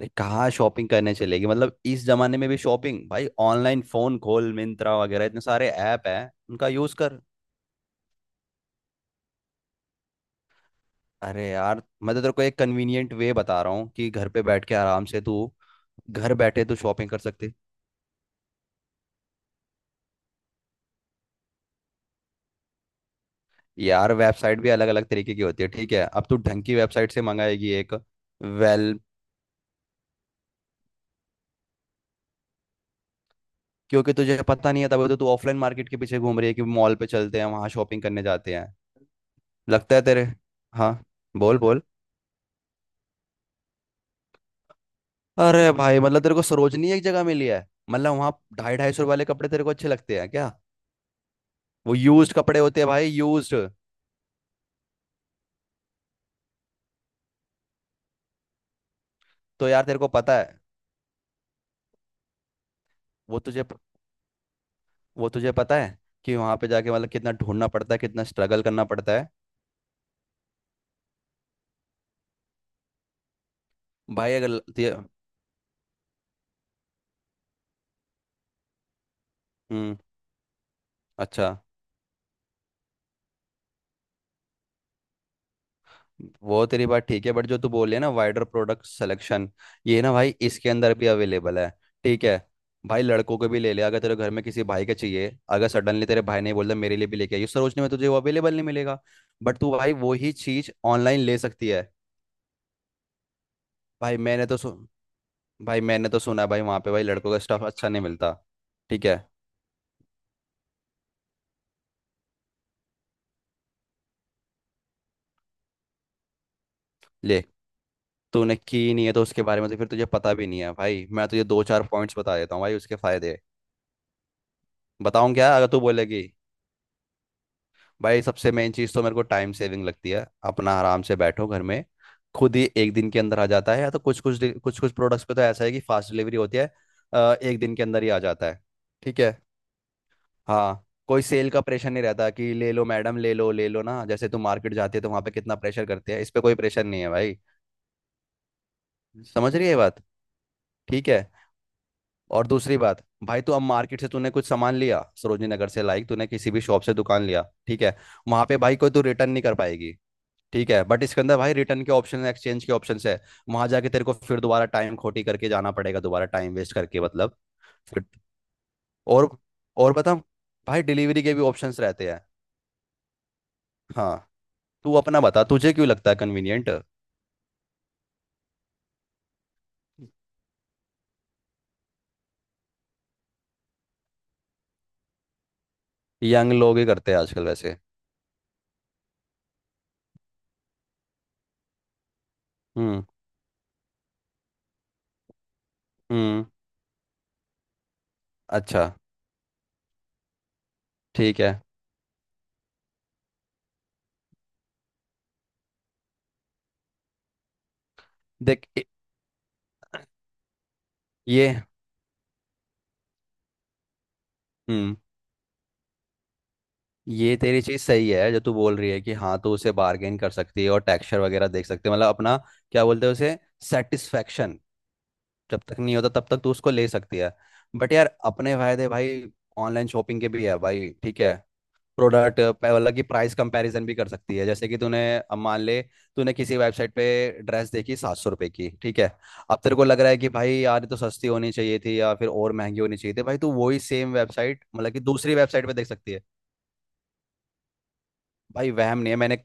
अरे कहाँ शॉपिंग करने चलेगी मतलब इस जमाने में भी शॉपिंग भाई ऑनलाइन फोन खोल मिंत्रा वगैरह इतने सारे ऐप हैं उनका यूज कर। अरे यार मैं तो तेरे को एक कन्वीनियंट वे बता रहा हूँ कि घर पे बैठ के आराम से तू घर बैठे तू शॉपिंग कर सकती है। यार वेबसाइट भी अलग अलग तरीके की होती है। ठीक है अब तू ढंग की वेबसाइट से मंगाएगी एक। वेल। क्योंकि तुझे पता नहीं है तभी तो तू ऑफलाइन मार्केट के पीछे घूम रही है कि मॉल पे चलते हैं वहां शॉपिंग करने जाते हैं। लगता है तेरे। हाँ। बोल बोल। अरे भाई मतलब तेरे को सरोजनी एक जगह मिली है। मतलब वहां ढाई ढाई सौ रुपए वाले कपड़े तेरे को अच्छे लगते हैं क्या। वो यूज्ड कपड़े होते हैं भाई यूज्ड। तो यार तेरे को पता है। वो तुझे वो तुझे पता है। कि वहां पे जाके मतलब कितना ढूंढना पड़ता है कितना स्ट्रगल करना पड़ता है। भाई अगर हम्म। अच्छा। वो तेरी बात ठीक है बट जो तू बोल रही है ना वाइडर प्रोडक्ट सिलेक्शन। ये ना भाई इसके अंदर भी अवेलेबल है। ठीक है। भाई लड़कों को भी ले ले अगर तेरे घर में किसी भाई के चाहिए अगर सडनली तेरे भाई ने बोल दिया मेरे लिए भी लेके आई उस सरोजनी में तुझे वो अवेलेबल नहीं मिलेगा। बट तू भाई वो ही चीज ऑनलाइन ले सकती है। भाई मैंने तो सु... भाई मैंने तो सुना है भाई वहाँ पे भाई लड़कों का स्टफ अच्छा नहीं मिलता। ठीक है। ले। तूने की नहीं है तो उसके बारे में तो फिर तुझे पता भी नहीं है भाई मैं तुझे दो चार पॉइंट्स बता देता हूँ भाई उसके फायदे। बताऊँ क्या अगर तू बोलेगी। भाई सबसे मेन चीज़ तो मेरे को टाइम सेविंग लगती है अपना आराम से बैठो घर में। खुद ही एक दिन के अंदर आ जाता है या तो कुछ कुछ प्रोडक्ट्स पे तो ऐसा है कि फास्ट डिलीवरी होती है। एक दिन के अंदर ही आ जाता है। ठीक है। हाँ कोई सेल का प्रेशर नहीं रहता कि ले लो मैडम ले लो ना जैसे तुम मार्केट जाते हो तो वहाँ पे कितना प्रेशर करते हैं इस पे कोई प्रेशर नहीं है भाई। समझ रही है बात। ठीक है। और दूसरी बात भाई तू अब मार्केट से तूने कुछ सामान लिया सरोजनी नगर से लाइक तूने किसी भी शॉप से दुकान लिया। ठीक है। वहाँ पे भाई कोई तू रिटर्न नहीं कर पाएगी। ठीक है बट इसके अंदर भाई रिटर्न के ऑप्शन एक्सचेंज के ऑप्शन है। वहां जाके तेरे को फिर दोबारा टाइम खोटी करके जाना पड़ेगा दोबारा टाइम वेस्ट करके मतलब। फिर। और और बता। भाई डिलीवरी के भी ऑप्शंस रहते हैं। हाँ। तू अपना बता तुझे क्यों लगता है कन्वीनियंट। यंग लोग ही करते हैं आजकल वैसे। हम्म। हम्म। अच्छा। ठीक है। देख ये। हम्म। ये तेरी चीज सही है जो तू बोल रही है कि हाँ तू उसे बार्गेन कर सकती है और टेक्सचर वगैरह देख सकती है मतलब अपना। क्या बोलते हैं उसे। सेटिस्फेक्शन। जब तक नहीं होता तब तक तू उसको ले सकती है। बट यार अपने फायदे भाई ऑनलाइन शॉपिंग के भी है भाई। ठीक है। प्रोडक्ट अलग की प्राइस कंपैरिजन भी कर सकती है जैसे कि तूने अब मान ले। तूने किसी वेबसाइट पे ड्रेस देखी 700 रुपए की। ठीक है। अब तेरे को लग रहा है कि भाई यार ये तो सस्ती होनी चाहिए थी या फिर और महंगी होनी चाहिए थी भाई तू वही सेम वेबसाइट मतलब कि दूसरी वेबसाइट पे देख सकती है। भाई वहम नहीं है मैंने।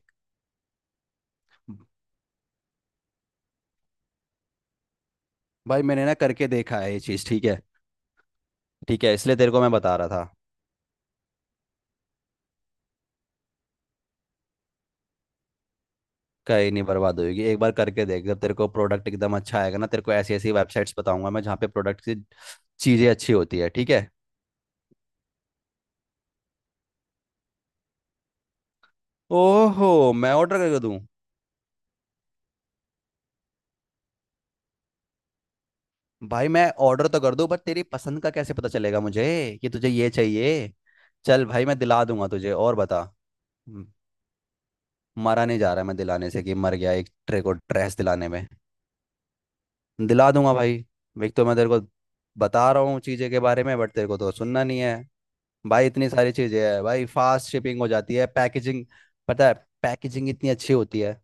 भाई मैंने ना करके देखा है ये चीज़। ठीक है। ठीक है इसलिए तेरे को मैं बता रहा था। कहीं नहीं बर्बाद होगी एक बार करके देख जब तेरे को प्रोडक्ट एकदम अच्छा आएगा ना तेरे को ऐसी ऐसी वेबसाइट्स बताऊंगा मैं जहाँ पे प्रोडक्ट की चीज़ें अच्छी होती है। ठीक है। ओहो मैं ऑर्डर करके दूं। भाई मैं ऑर्डर तो कर दूं पर तेरी पसंद का कैसे पता चलेगा मुझे। कि तुझे ये चाहिए। चल भाई मैं दिला दूंगा तुझे और बता। म- मरा नहीं जा रहा मैं दिलाने से कि मर गया एक ट्रे को ड्रेस दिलाने में। दिला दूंगा भाई। एक तो मैं तेरे को बता रहा हूँ चीज़ें के बारे में बट तेरे को तो सुनना नहीं है। भाई इतनी सारी चीजें हैं भाई फास्ट शिपिंग हो जाती है पैकेजिंग। पता है। पैकेजिंग इतनी अच्छी होती है।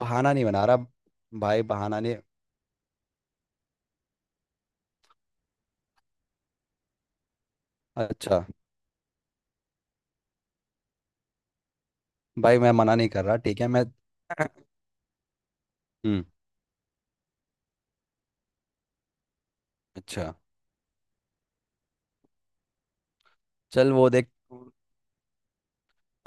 बहाना नहीं बना रहा। भाई बहाना नहीं। अच्छा। भाई मैं मना नहीं कर रहा। ठीक है मैं हम्म। अच्छा। चल वो देख।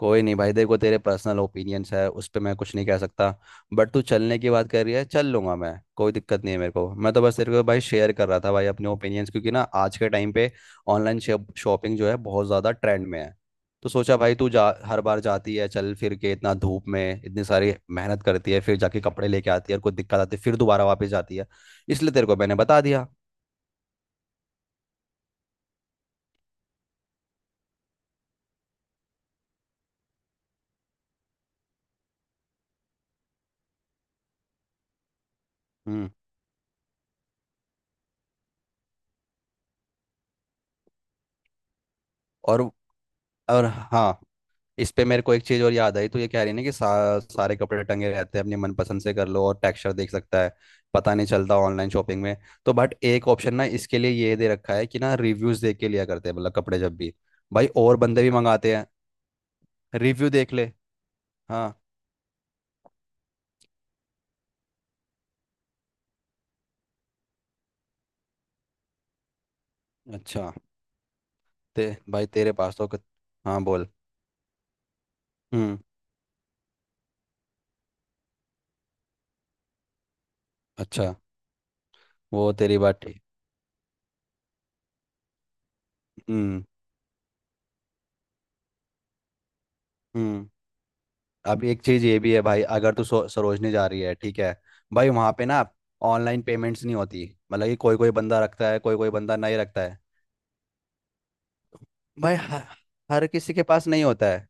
कोई नहीं भाई देखो तेरे पर्सनल ओपिनियंस है उस पर मैं कुछ नहीं कह सकता। बट तू चलने की बात कर रही है चल लूंगा मैं। कोई दिक्कत नहीं है मेरे को मैं तो बस तेरे को भाई शेयर कर रहा था भाई अपने ओपिनियंस क्योंकि ना आज के टाइम पे ऑनलाइन शॉपिंग जो है बहुत ज़्यादा ट्रेंड में है। तो सोचा भाई तू जा हर बार जाती है चल फिर के इतना धूप में इतनी सारी मेहनत करती है फिर जाके कपड़े लेके आती है और कुछ दिक्कत आती है फिर दोबारा वापस जाती है। इसलिए तेरे को मैंने बता दिया। हम्म। और और हाँ। इस पे मेरे को एक चीज और याद आई तो ये कह रही है ना कि सारे कपड़े टंगे रहते हैं अपनी मनपसंद से कर लो और टेक्सचर देख सकता है। पता नहीं चलता ऑनलाइन शॉपिंग में। तो बट एक ऑप्शन ना इसके लिए ये दे रखा है कि ना रिव्यूज देख के लिया करते हैं मतलब कपड़े जब भी। भाई और बंदे भी मंगाते हैं। रिव्यू देख ले। हाँ। अच्छा। ते भाई तेरे पास तो हाँ बोल। हम्म। अच्छा। वो तेरी बात ठीक। हम्म। हम्म। अब एक चीज ये भी है भाई अगर तू सरोजनी जा रही है। ठीक है। भाई वहां पे ना ऑनलाइन पेमेंट्स नहीं होती। मतलब कि कोई कोई बंदा रखता है कोई कोई बंदा नहीं रखता है। भाई हर किसी के पास नहीं होता है।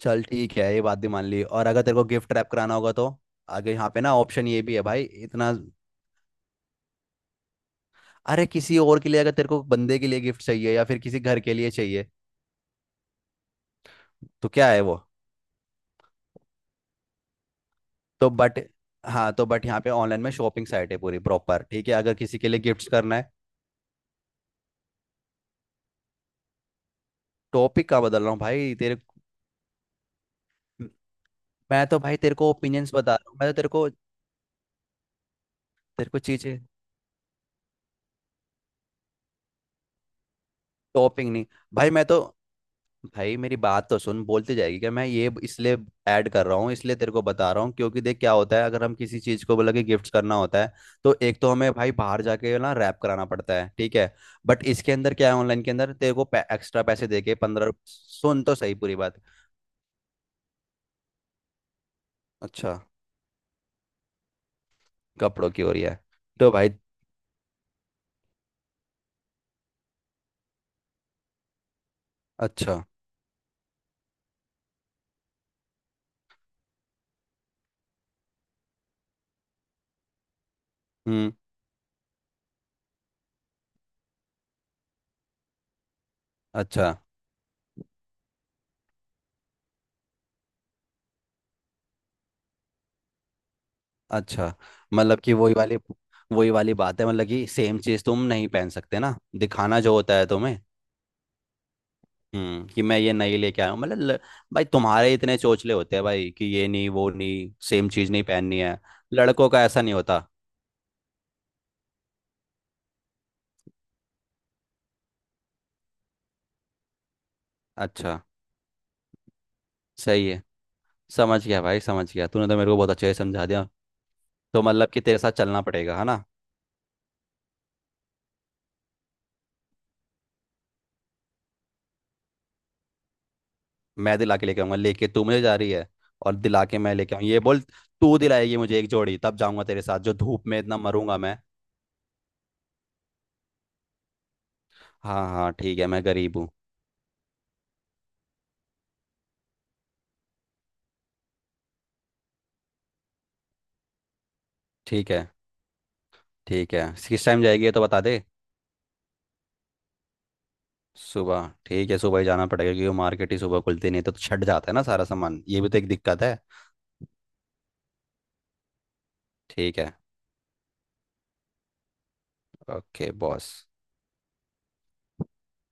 चल ठीक है ये बात भी मान ली और अगर तेरे को गिफ्ट रैप कराना होगा तो आगे यहाँ पे ना ऑप्शन ये भी है भाई इतना। अरे किसी और के लिए अगर तेरे को बंदे के लिए गिफ्ट चाहिए या फिर किसी घर के लिए चाहिए। तो क्या है वो। तो बट। हाँ तो बट यहाँ पे ऑनलाइन में शॉपिंग साइट है पूरी प्रॉपर। ठीक है अगर किसी के लिए गिफ्ट्स करना है। टॉपिक का बदल रहा हूँ भाई तेरे। मैं तो भाई तेरे को ओपिनियंस बता रहा हूँ मैं तो तेरे को। तेरे को चीजें। टॉपिंग नहीं। भाई मैं तो भाई मेरी बात तो सुन बोलती जाएगी क्या मैं ये इसलिए ऐड कर रहा हूँ इसलिए तेरे को बता रहा हूँ क्योंकि देख क्या होता है अगर हम किसी चीज को बोला कि गिफ्ट करना होता है। तो एक तो हमें भाई बाहर जाके ना रैप कराना पड़ता है। ठीक है। बट इसके अंदर क्या है ऑनलाइन के अंदर तेरे को एक्स्ट्रा पैसे दे के 15 सुन तो सही पूरी बात। अच्छा। कपड़ों की हो रही है। तो भाई। अच्छा। हम्म। अच्छा। अच्छा। मतलब कि वही वाली। वही वाली बात है मतलब कि सेम चीज तुम नहीं पहन सकते ना दिखाना जो होता है तुम्हें। कि मैं ये नहीं लेके आया हूँ मतलब भाई तुम्हारे इतने चोचले होते हैं भाई कि ये नहीं वो नहीं सेम चीज नहीं पहननी है। लड़कों का ऐसा नहीं होता। अच्छा। सही है। समझ गया भाई समझ गया तूने तो मेरे को बहुत अच्छे से समझा दिया। तो मतलब कि तेरे साथ चलना पड़ेगा है ना। मैं दिला के लेके आऊंगा लेके तू मुझे जा रही है। और दिला के मैं लेके आऊँ ये बोल। तू दिलाएगी मुझे एक जोड़ी तब जाऊंगा तेरे साथ जो धूप में इतना मरूंगा मैं। हाँ हाँ ठीक है मैं गरीब हूँ। ठीक है। ठीक है किस टाइम जाएगी ये तो बता दे। सुबह ठीक है सुबह ही जाना पड़ेगा क्योंकि वो मार्केट ही सुबह खुलती नहीं है, तो छट जाता है ना सारा सामान ये भी तो एक दिक्कत है। ठीक है। Okay boss.